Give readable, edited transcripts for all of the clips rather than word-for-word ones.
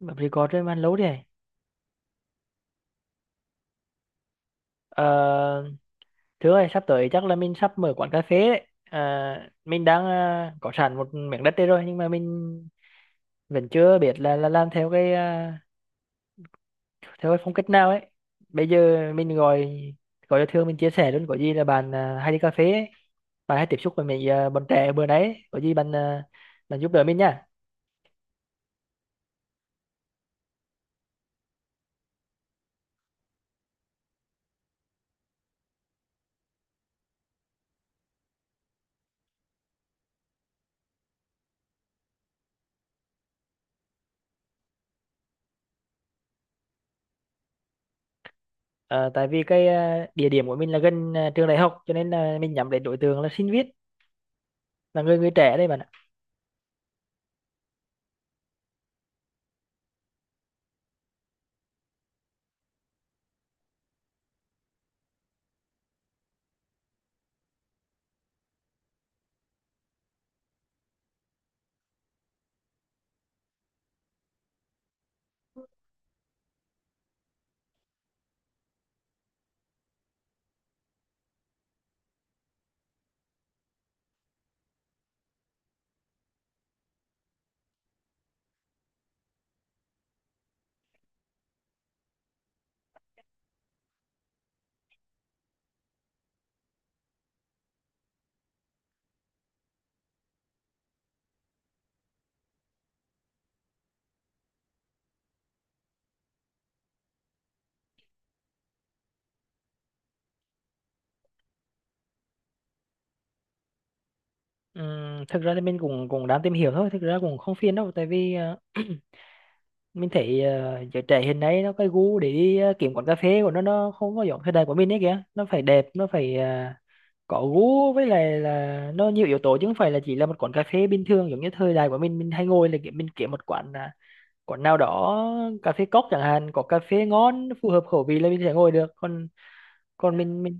Bạn record trên man lố đi này. Ờ, thứ ơi, sắp tới chắc là mình sắp mở quán cà phê đấy. Ờ, mình đang có sẵn một miếng đất đây rồi nhưng mà mình vẫn chưa biết là làm theo theo cái phong cách nào ấy. Bây giờ mình gọi gọi cho Thương, mình chia sẻ luôn, có gì là bạn hay đi cà phê ấy. Bạn hay tiếp xúc với mấy bọn trẻ bữa đấy, ấy, có gì bạn bạn giúp đỡ mình nha. Ờ, tại vì địa điểm của mình là gần trường đại học cho nên là mình nhắm đến đối tượng là sinh viên, là người người trẻ đây bạn ạ. Thực ra thì mình cũng cũng đang tìm hiểu thôi, thực ra cũng không phiền đâu, tại vì mình thấy giới trẻ hiện nay nó cái gu để đi kiếm quán cà phê của nó không có giống thời đại của mình ấy kìa, nó phải đẹp, nó phải có gu, với lại là nó nhiều yếu tố chứ không phải là chỉ là một quán cà phê bình thường. Giống như thời đại của mình hay ngồi là kiểu mình kiếm quán nào đó, cà phê cốc chẳng hạn, có cà phê ngon phù hợp khẩu vị là mình sẽ ngồi được. Còn còn mình.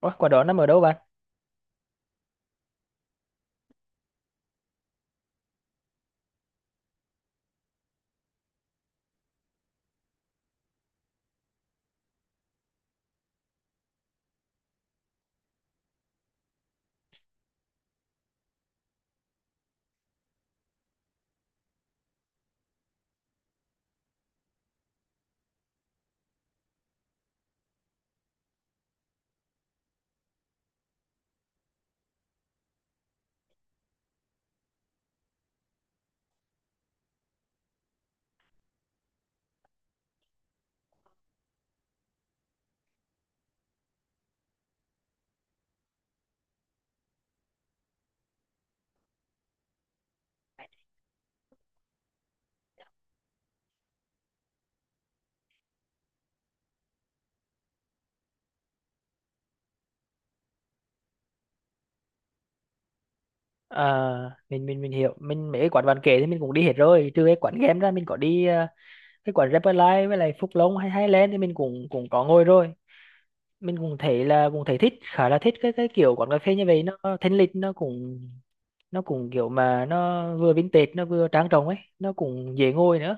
Ủa, quán đó nằm ở đâu bà? Ờ, mình hiểu, mình mấy cái quán bạn kể thì mình cũng đi hết rồi, trừ cái quán game ra, mình có đi cái quán Repline với lại Phúc Long hay Highland thì mình cũng cũng có ngồi rồi. Mình cũng thấy là cũng thấy thích, khá là thích cái kiểu quán cà phê như vậy, nó thanh lịch, nó cũng kiểu mà nó vừa vintage nó vừa trang trọng ấy, nó cũng dễ ngồi nữa,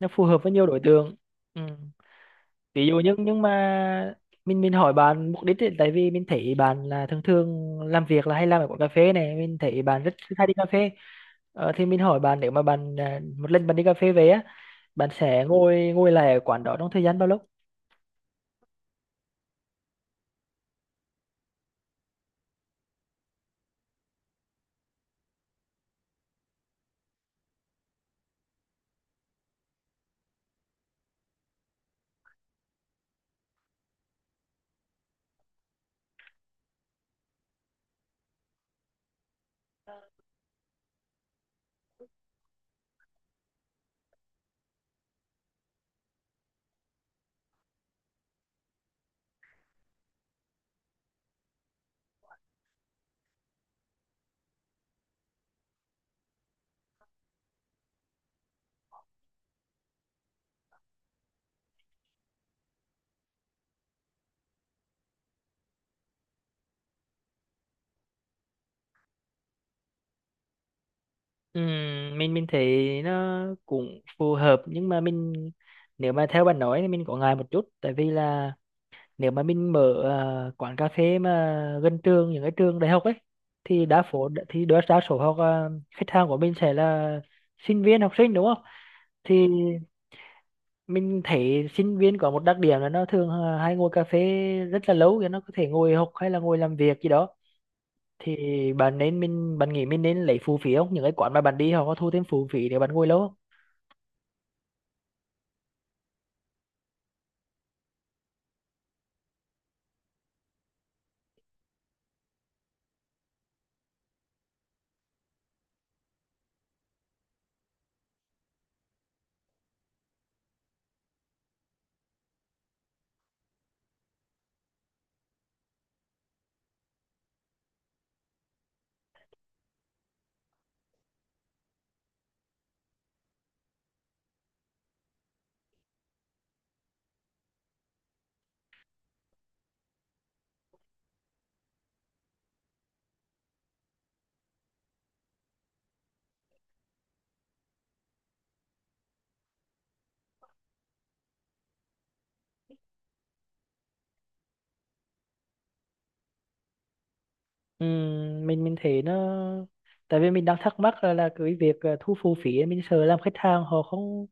nó phù hợp với nhiều đối tượng. Ừ, ví dụ nhưng mà mình hỏi bạn mục đích ấy, tại vì mình thấy bạn là thường thường làm việc là hay làm ở quán cà phê này, mình thấy bạn rất hay đi cà phê. Ờ, thì mình hỏi bạn nếu mà một lần bạn đi cà phê về á, bạn sẽ ngồi ngồi lại ở quán đó trong thời gian bao lâu? Mình thấy nó cũng phù hợp nhưng mà mình, nếu mà theo bạn nói thì mình có ngại một chút, tại vì là nếu mà mình mở quán cà phê mà gần trường, những cái trường đại học ấy, thì đa số, thì đa số học khách hàng của mình sẽ là sinh viên, học sinh đúng không? Thì mình thấy sinh viên có một đặc điểm là nó thường hay ngồi cà phê rất là lâu, thì nó có thể ngồi học hay là ngồi làm việc gì đó. Thì bạn nghĩ mình nên lấy phụ phí không, những cái quán mà bạn đi họ có thu thêm phụ phí để bạn ngồi lâu không? Mình thấy nó, tại vì mình đang thắc mắc là cái việc thu phụ phí ấy, mình sợ làm khách hàng họ không,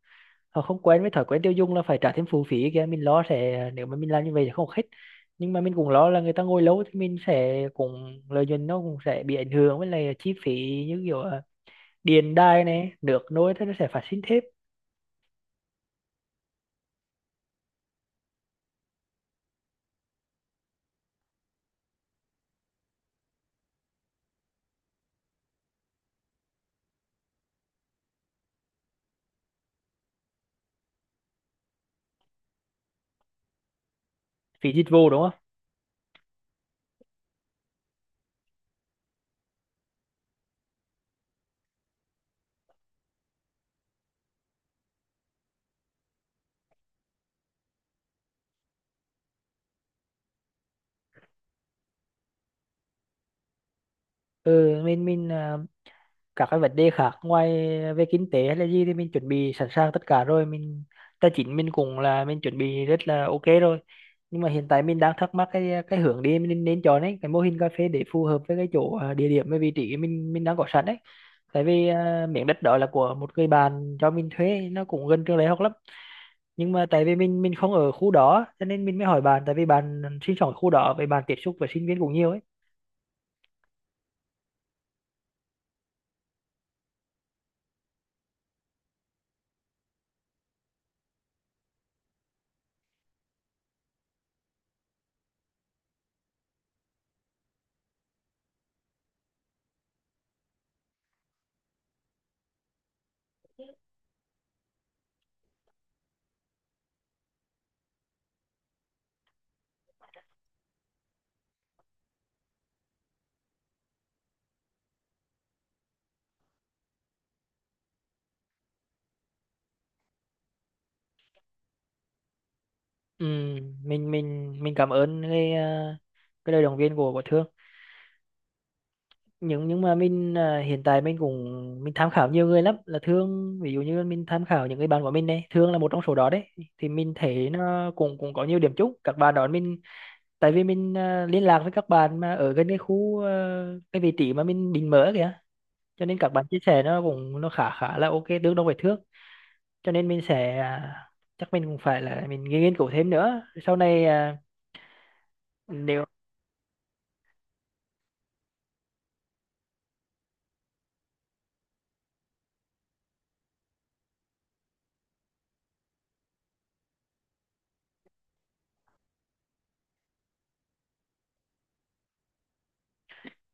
họ không quen với thói quen tiêu dùng là phải trả thêm phụ phí kia, mình lo sẽ nếu mà mình làm như vậy thì không hết. Nhưng mà mình cũng lo là người ta ngồi lâu thì mình sẽ cũng lợi nhuận nó cũng sẽ bị ảnh hưởng, với lại chi phí như điện đài này, nước nối thế, nó sẽ phát sinh thêm phí dịch vụ đúng không? Ừ, các cái vấn đề khác ngoài về kinh tế hay là gì thì mình chuẩn bị sẵn sàng tất cả rồi, mình tài chính mình cũng là mình chuẩn bị rất là ok rồi. Nhưng mà hiện tại mình đang thắc mắc cái hướng đi mình nên nên chọn ấy, cái mô hình cà phê để phù hợp với cái chỗ địa điểm và vị trí mình đang có sẵn đấy. Tại vì miếng đất đó là của một người bạn cho mình thuê, nó cũng gần trường đại học lắm, nhưng mà tại vì mình không ở khu đó cho nên mình mới hỏi bạn, tại vì bạn sinh sống ở khu đó, với bạn tiếp xúc với sinh viên cũng nhiều ấy. Ừ, mình cảm ơn cái lời động viên của Thương, nhưng mà mình hiện tại mình cũng mình tham khảo nhiều người lắm là Thương, ví dụ như mình tham khảo những người bạn của mình đây, Thương là một trong số đó đấy. Thì mình thấy nó cũng cũng có nhiều điểm chung, các bạn đó mình tại vì mình liên lạc với các bạn mà ở gần cái vị trí mà mình định mở kìa, cho nên các bạn chia sẻ nó cũng nó khá khá là ok, tương đương với Thương. Cho nên mình sẽ chắc mình cũng phải là mình nghiên cứu thêm nữa sau này nếu.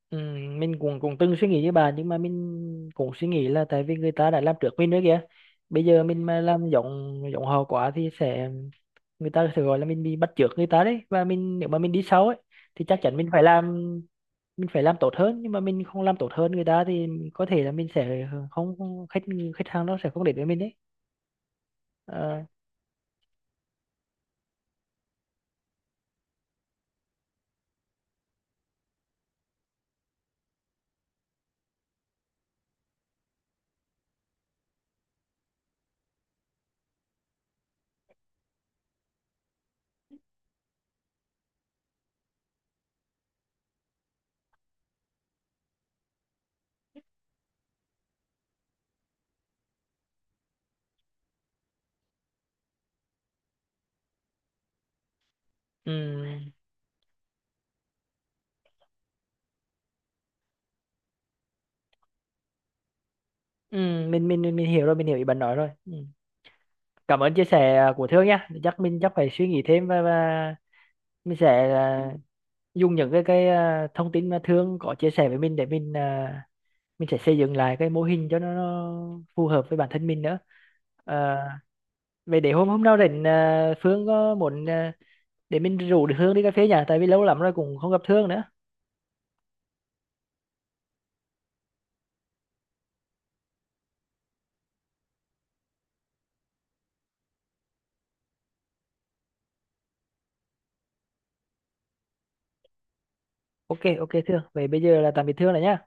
Ừ, mình cũng cũng từng suy nghĩ với bà, nhưng mà mình cũng suy nghĩ là tại vì người ta đã làm trước mình nữa kìa, bây giờ mình mà làm giống giống họ quá thì sẽ người ta sẽ gọi là mình bị bắt chước người ta đấy. Và mình nếu mà mình đi sau ấy thì chắc chắn mình phải làm tốt hơn, nhưng mà mình không làm tốt hơn người ta thì có thể là mình sẽ không không- khách, khách hàng nó sẽ không đến với mình đấy. Ờ, ừ, ừ, mình hiểu rồi, mình hiểu ý bạn nói rồi, ừ. Cảm ơn chia sẻ của Thương nha, chắc mình chắc phải suy nghĩ thêm, và và mình sẽ dùng những cái thông tin mà Thương có chia sẻ với mình để mình sẽ xây dựng lại cái mô hình cho nó phù hợp với bản thân mình nữa. à, về để hôm hôm nào rảnh Phương có muốn để mình rủ được Thương đi cà phê nhỉ, tại vì lâu lắm rồi cũng không gặp Thương nữa. Ok ok Thương, vậy bây giờ là tạm biệt Thương rồi nhá.